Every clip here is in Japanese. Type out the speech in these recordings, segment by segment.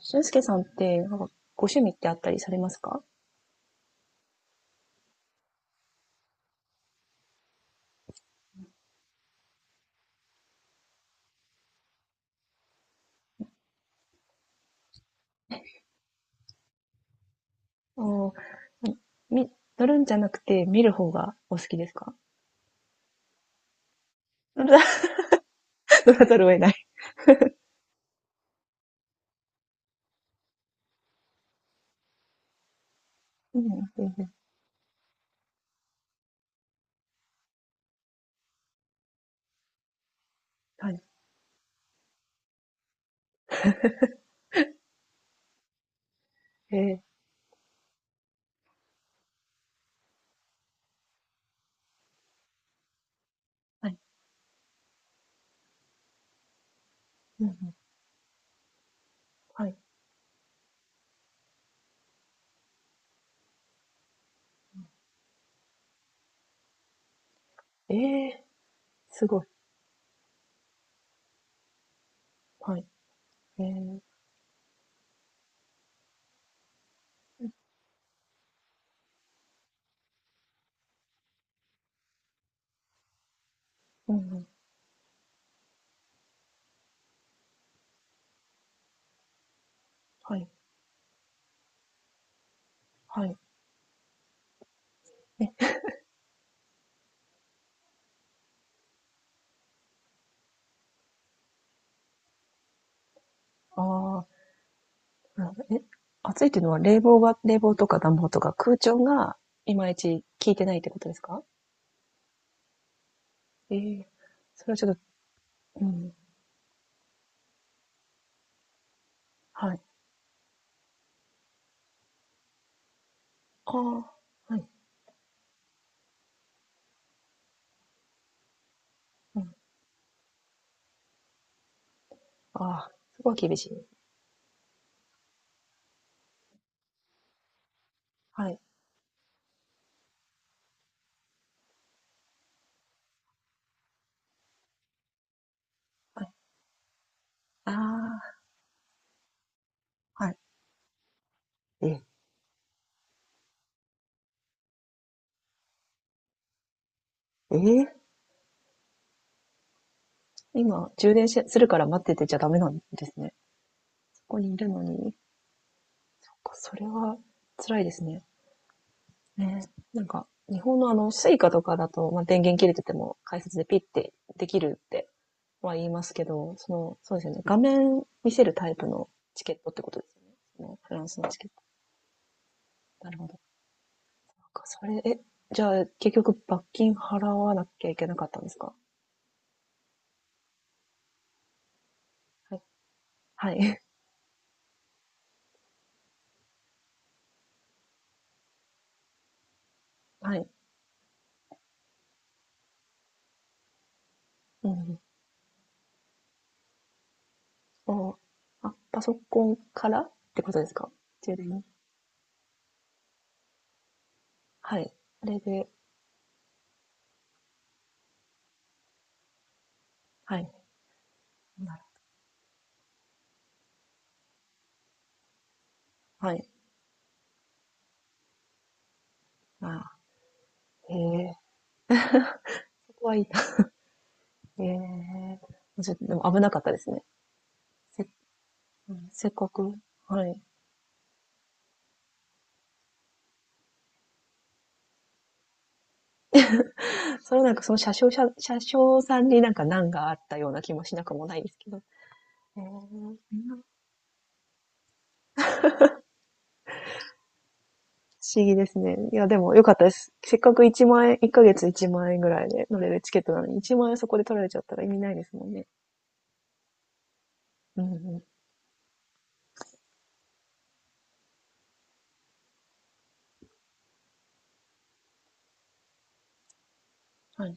俊介さんって、なんかご趣味ってあったりされますか？お、み、乗るんじゃなくて見る方がお好きですか？乗ら乗らざるを得ない。うん、うんうん。はい。えー。はい。うんうん、はい。ええー、すごい。はい。えー、うんうん、はい。はい。え、ああ、なるほど。え、暑いっていうのは冷房とか暖房とか空調がいまいち効いてないってことですか？ええー、それはちょっと、うん、はい。ああ、はい。うん、ああ、そこは厳しい。はい。はい。ああ、はい。え、えー今、充電しするから待っててちゃダメなんですね。そこにいるのに。なんかそれは辛いですね。ね。なんか、日本のあの、スイカとかだと、まあ、電源切れてても解説でピッてできるっては言いますけど、その、そうですよね。画面見せるタイプのチケットってことですよね。そのフランスのチケット。なるほど。なんかそれ、じゃあ、結局罰金払わなきゃいけなかったんですか？はい。はい。はい。うんうん。お、あ、パソコンからってことですか？充電。はい。あれで、はい。なるはい。ああ、へえ、そこはいいな。へえ。ちょっと、でも危なかったですね。せ、うん、せっかく。はい。それはなんかその車掌さんになんか難があったような気もしなくもないですけど。へえ、不思議ですね。いや、でも良かったです。せっかく1万円、1ヶ月1万円ぐらいで乗れるチケットなのに、1万円そこで取られちゃったら意味ないですもんね。うんうん。はい。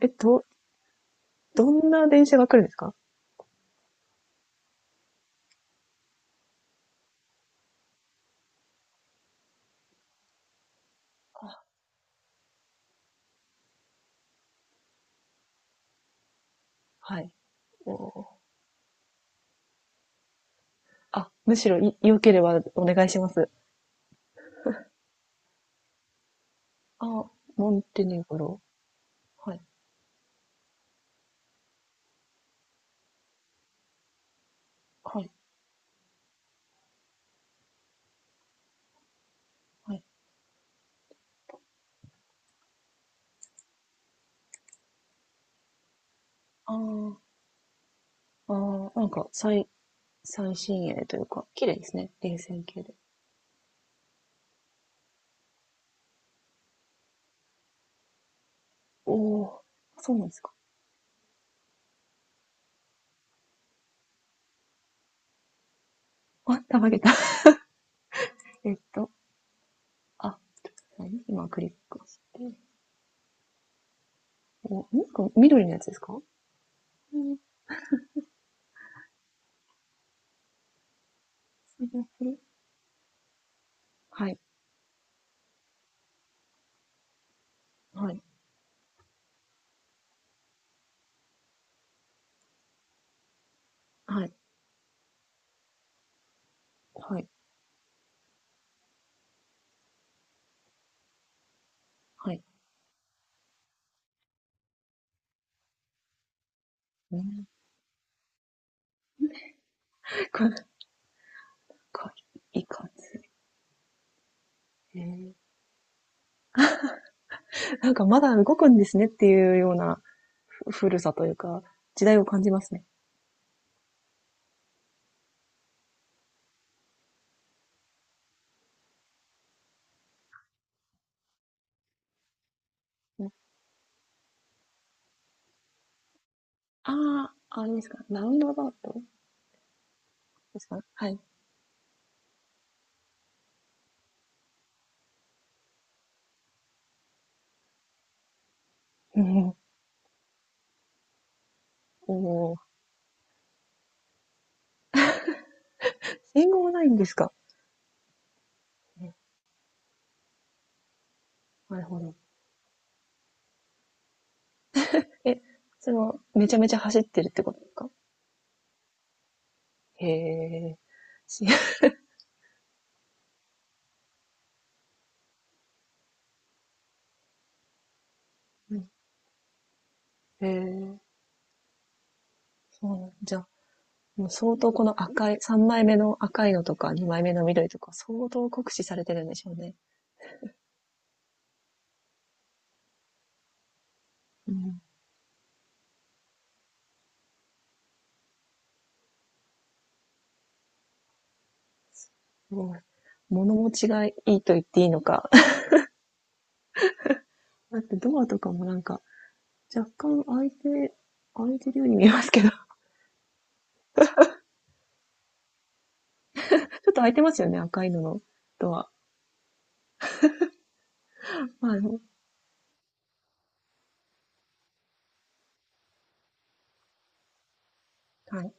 えっと、どんな電車が来るんですか？あ、はい。お、あ、むしろい良ければお願いします。あ、モンテネグロ。はい。はい。はい。あー、あー、なんか最新鋭というか、綺麗ですね。冷戦系で。お、お、そうなんですか。あ、たまげた。えっと、あ、何今クリックして。お、なんか緑のやつですか？うん。それそれ。はい。はい。はい。はい。はい。うん。 これ、こ、いかつえーなんかまだ動くんですねっていうような古さというか、時代を感じますね。ああ、あれですか。ラウンドアバウトですか？はい。うん。お、お。信号ないんですか？なるほど。え、それはめちゃめちゃ走ってるってことですか？へえ。し へえ。そうなんじゃあ、もう相当この赤い、3枚目の赤いのとか2枚目の緑とか相当酷使されてるんでしょうね。うん。すごい物持ちがいいと言っていいのか、だってドアとかもなんか、若干開いて、開いてるように見えますけど、ちょっと開いてますよね、赤いののドア。まあ、はい。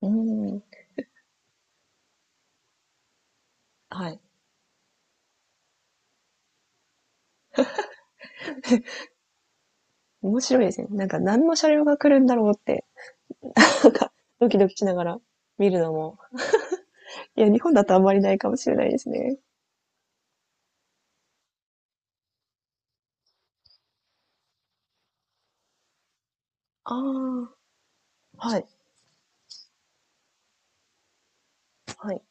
うん。はい。面白いですね。なんか何の車両が来るんだろうって、なんかドキドキしながら見るのも。いや、日本だとあんまりないかもしれないですね。ああ、はい、はい。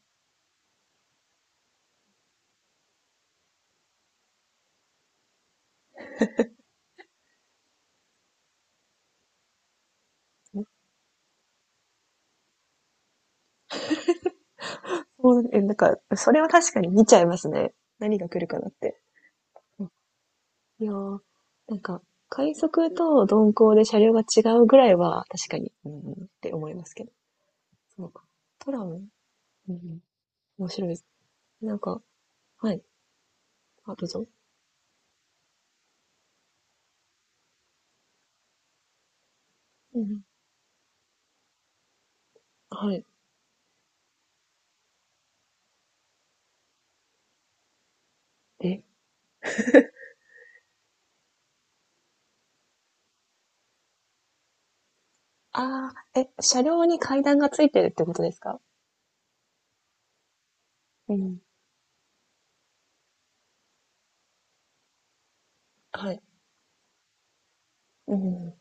そう、なんか、それは確かに見ちゃいますね。何が来るかなって。いやー、なんか、快速と鈍行で車両が違うぐらいは、確かに、うんって思いますけど。そうか。トラム、うん、面白いです。なんか、はい。あ、どうぞ。うん、はい。え、ああ、え、車両に階段がついてるってことですか？うん。はい。うん。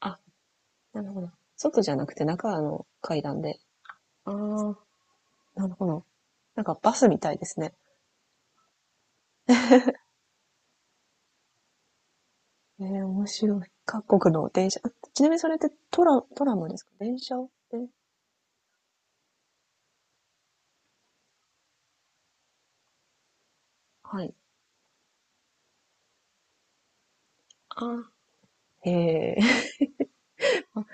あ、なるほど。外じゃなくて中の階段で。ああ、なるほど。なんかバスみたいですね。えー、面白い。各国の電車。あ、ちなみにそれってトラムですか？電車で。はい。あ、へえ。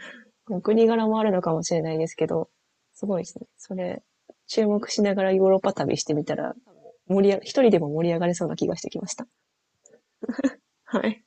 お国柄もあるのかもしれないですけど、すごいですね。それ、注目しながらヨーロッパ旅してみたら、盛りあ一人でも盛り上がれそうな気がしてきました。はい。